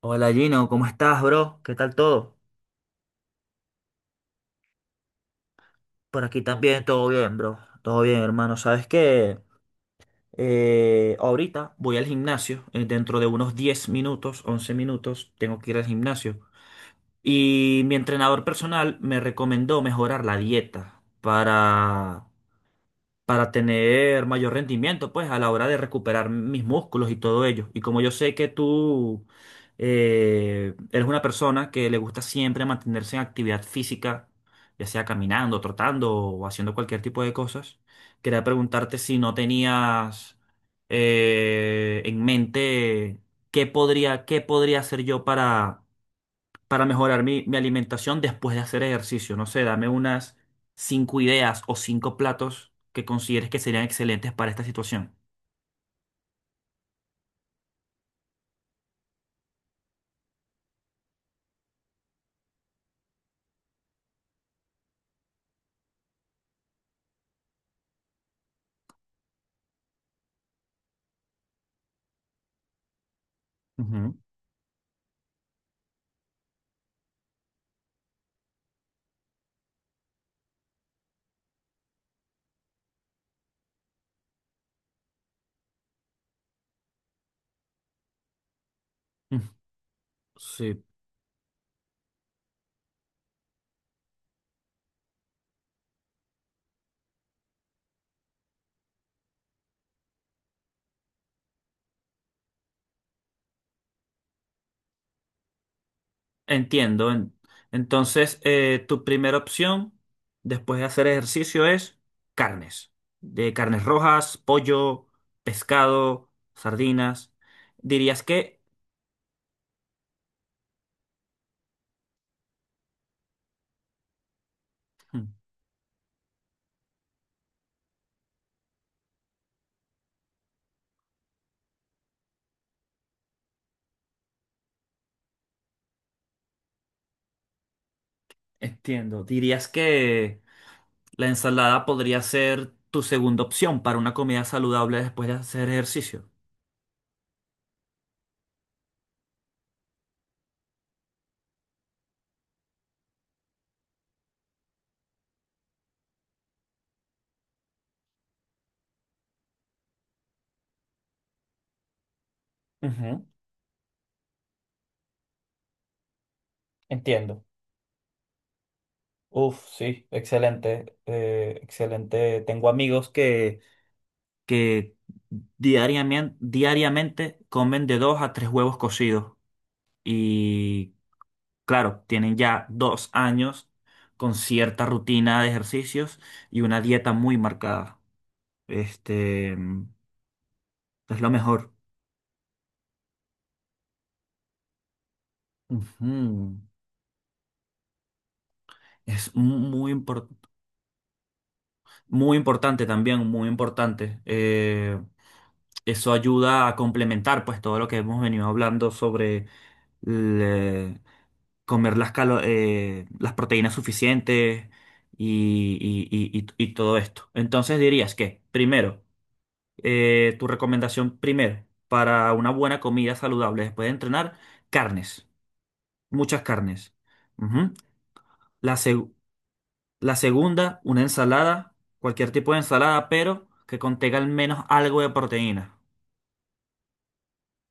Hola Gino, ¿cómo estás, bro? ¿Qué tal todo? Por aquí también, todo bien, bro. Todo bien, hermano. ¿Sabes qué? Ahorita voy al gimnasio. Dentro de unos 10 minutos, 11 minutos, tengo que ir al gimnasio. Y mi entrenador personal me recomendó mejorar la dieta para tener mayor rendimiento, pues, a la hora de recuperar mis músculos y todo ello. Y como yo sé que tú eres una persona que le gusta siempre mantenerse en actividad física, ya sea caminando, trotando o haciendo cualquier tipo de cosas, quería preguntarte si no tenías en mente qué podría hacer yo para mejorar mi alimentación después de hacer ejercicio. No sé, dame unas cinco ideas o cinco platos que consideres que serían excelentes para esta situación. Ujú. Mm, Sí, entiendo. Entonces, tu primera opción después de hacer ejercicio es carnes. De carnes rojas, pollo, pescado, sardinas. Dirías que. Mm, Entiendo. Dirías que la ensalada podría ser tu segunda opción para una comida saludable después de hacer ejercicio. Ujú. Entiendo. Uf, sí, excelente, excelente. Tengo amigos que diariamente comen de dos a tres huevos cocidos. Y claro, tienen ya 2 años con cierta rutina de ejercicios y una dieta muy marcada. Este es lo mejor. Ujú. Es muy importante. Muy importante también, muy importante. Eso ayuda a complementar pues todo lo que hemos venido hablando sobre le- comer las proteínas suficientes y todo esto. Entonces dirías que, primero, tu recomendación primero para una buena comida saludable después de entrenar, carnes, muchas carnes. Ujú. La, seg- La segunda, una ensalada, cualquier tipo de ensalada, pero que contenga al menos algo de proteína.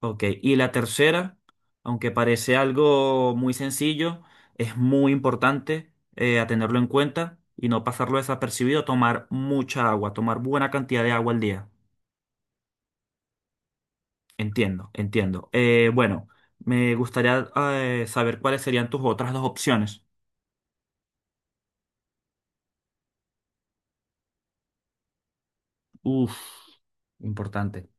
Ok. Y la tercera, aunque parece algo muy sencillo, es muy importante a tenerlo en cuenta y no pasarlo desapercibido, tomar mucha agua, tomar buena cantidad de agua al día. Entiendo, entiendo. Bueno, me gustaría saber cuáles serían tus otras dos opciones. Uf, importante.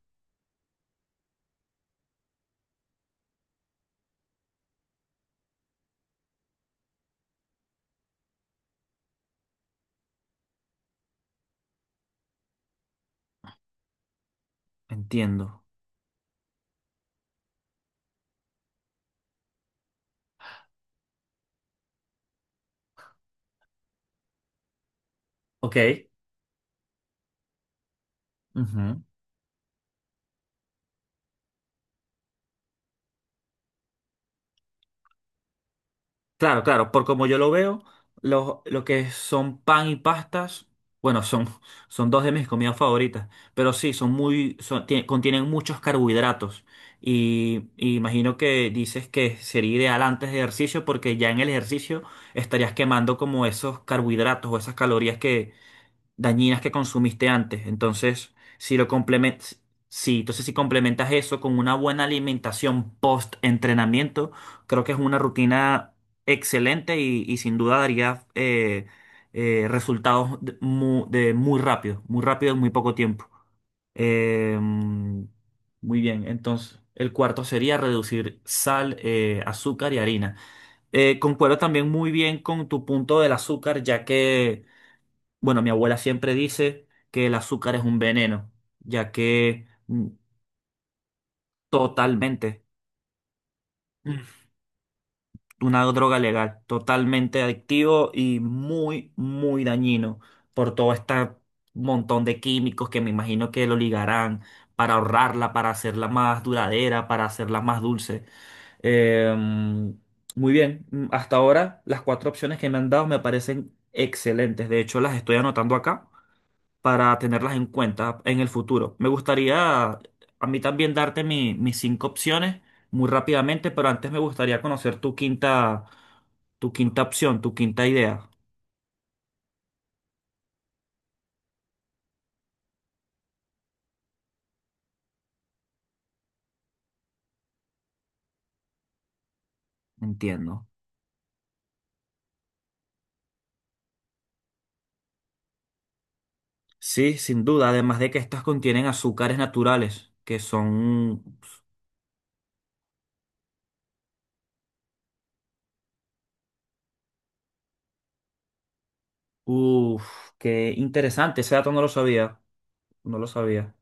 Entiendo. Ok. Ujú. Claro, claro, por como yo lo veo, lo que son pan y pastas, bueno, son, son dos de mis comidas favoritas, pero sí, son contienen muchos carbohidratos. Y imagino que dices que sería ideal antes de ejercicio porque ya en el ejercicio estarías quemando como esos carbohidratos o esas calorías dañinas que consumiste antes. Entonces, si lo complementas, sí, entonces si complementas eso con una buena alimentación post-entrenamiento, creo que es una rutina excelente y sin duda daría resultados de muy rápido en muy poco tiempo. Muy bien, entonces el cuarto sería reducir sal, azúcar y harina. Concuerdo también muy bien con tu punto del azúcar, ya que bueno, mi abuela siempre dice que el azúcar es un veneno, ya que totalmente, mm, una droga legal, totalmente adictivo y muy, muy dañino por todo este montón de químicos que me imagino que lo ligarán para ahorrarla, para hacerla más duradera, para hacerla más dulce. Eh, muy bien, hasta ahora las cuatro opciones que me han dado me parecen excelentes. De hecho, las estoy anotando acá para tenerlas en cuenta en el futuro. Me gustaría a mí también darte mis cinco opciones muy rápidamente, pero antes me gustaría conocer tu quinta opción, tu quinta idea. Entiendo. Sí, sin duda, además de que estas contienen azúcares naturales, que son. Uf, qué interesante, ese dato no lo sabía, no lo sabía.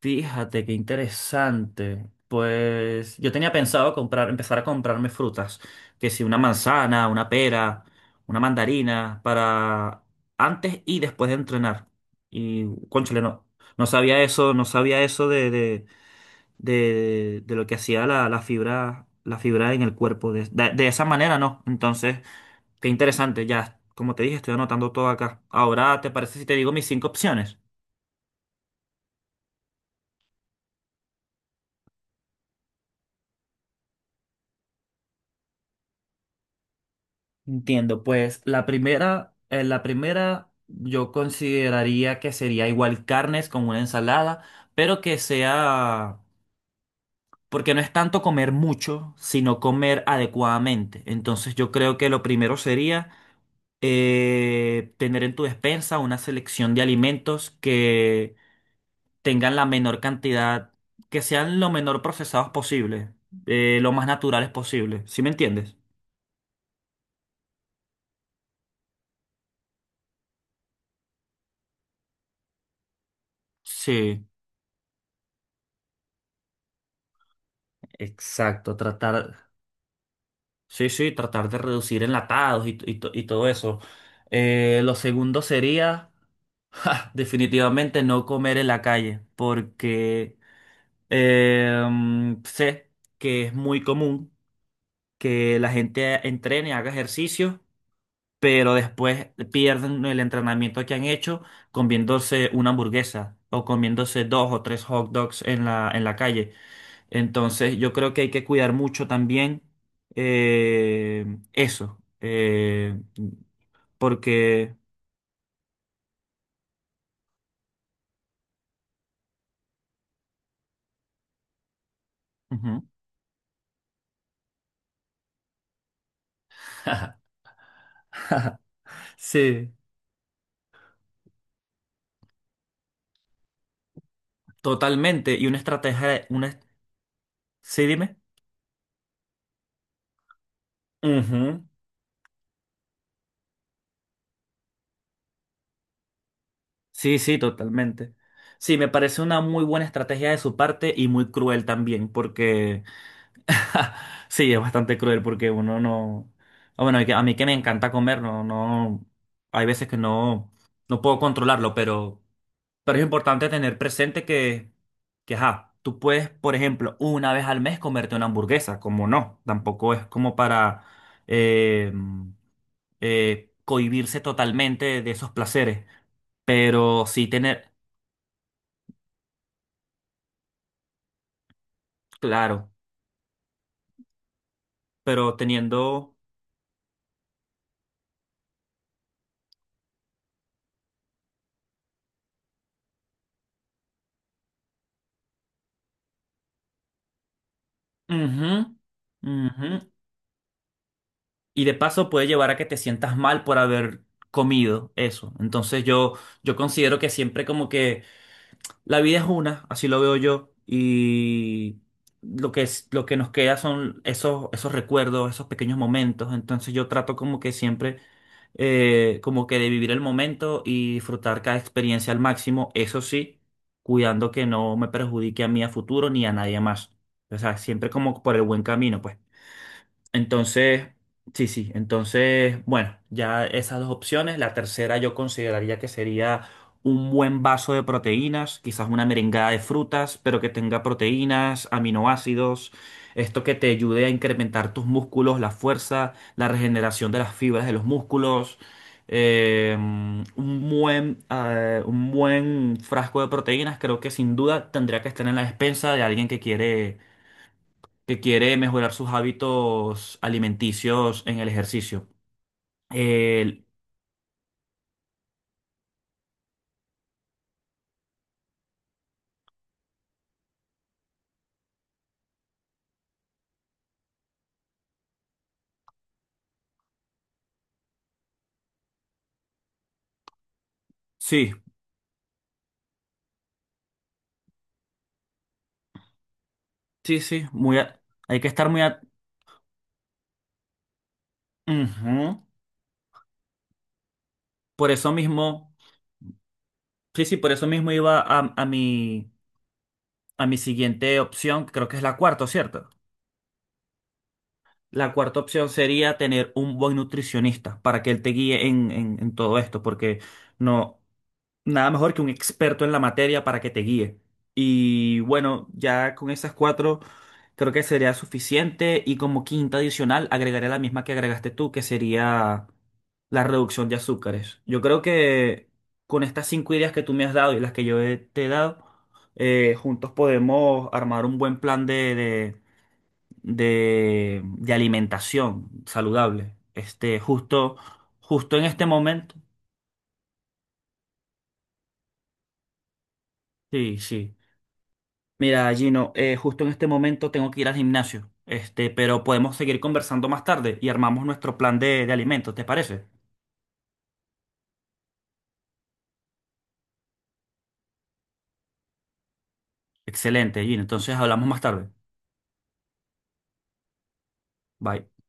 Fíjate qué interesante. Pues yo tenía pensado comprar, empezar a comprarme frutas, que si una manzana, una pera, una mandarina, para antes y después de entrenar. Y cónchale, no, no sabía eso, no sabía eso de lo que hacía la fibra en el cuerpo. De esa manera, no. Entonces, qué interesante, ya, como te dije, estoy anotando todo acá. Ahora, ¿te parece si te digo mis cinco opciones? Entiendo, pues la primera yo consideraría que sería igual carnes con una ensalada, pero que sea, porque no es tanto comer mucho, sino comer adecuadamente. Entonces yo creo que lo primero sería tener en tu despensa una selección de alimentos que tengan la menor cantidad, que sean lo menor procesados posible, lo más naturales posible. ¿Sí me entiendes? Sí, exacto, tratar. Sí, sí, tratar de reducir enlatados y todo eso. Lo segundo sería, ja, definitivamente no comer en la calle, porque sé que es muy común que la gente entrene, haga ejercicio, pero después pierden el entrenamiento que han hecho comiéndose una hamburguesa o comiéndose dos o tres hot dogs en en la calle. Entonces, yo creo que hay que cuidar mucho también eh, eso, porque. Ujú. Sí, totalmente. Y una estrategia, una. Sí, dime. Ujú. Sí, sí, totalmente. Sí, me parece una muy buena estrategia de su parte y muy cruel también, porque sí, es bastante cruel porque uno no. Ah, bueno, a mí que me encanta comer, no, no. Hay veces que no, no puedo controlarlo, pero. Pero es importante tener presente que, ajá, tú puedes, por ejemplo, una vez al mes comerte una hamburguesa, como no, tampoco es como para eh, cohibirse totalmente de esos placeres, pero sí tener, claro, pero teniendo, ujú, ujú, y de paso puede llevar a que te sientas mal por haber comido eso. Entonces yo considero que siempre como que la vida es una, así lo veo yo, y lo que es, lo que nos queda son esos recuerdos, esos pequeños momentos. Entonces yo trato como que siempre, como que de vivir el momento y disfrutar cada experiencia al máximo, eso sí, cuidando que no me perjudique a mí a futuro ni a nadie más. O sea, siempre como por el buen camino, pues. Entonces, sí, sí, entonces, bueno, ya esas dos opciones. La tercera yo consideraría que sería un buen vaso de proteínas, quizás una merengada de frutas, pero que tenga proteínas, aminoácidos, esto que te ayude a incrementar tus músculos, la fuerza, la regeneración de las fibras de los músculos. Un buen un buen frasco de proteínas, creo que sin duda tendría que estar en la despensa de alguien que quiere mejorar sus hábitos alimenticios en el ejercicio. El- sí, sí, sí, muy hay que estar muy. Ujú. Por eso mismo, sí, sí, por eso mismo iba a mi siguiente opción, que creo que es la cuarta, ¿cierto? La cuarta opción sería tener un buen nutricionista para que él te guíe en todo esto, porque no. Nada mejor que un experto en la materia para que te guíe. Y bueno, ya con esas cuatro creo que sería suficiente. Y como quinta adicional, agregaré la misma que agregaste tú, que sería la reducción de azúcares. Yo creo que con estas cinco ideas que tú me has dado y las que yo te he dado, juntos podemos armar un buen plan de alimentación saludable. Este, justo en este momento. Sí, sí. Mira, Gino, justo en este momento tengo que ir al gimnasio, este, pero podemos seguir conversando más tarde y armamos nuestro plan de alimentos, ¿te parece? Excelente, Gino. Entonces hablamos más tarde. Bye.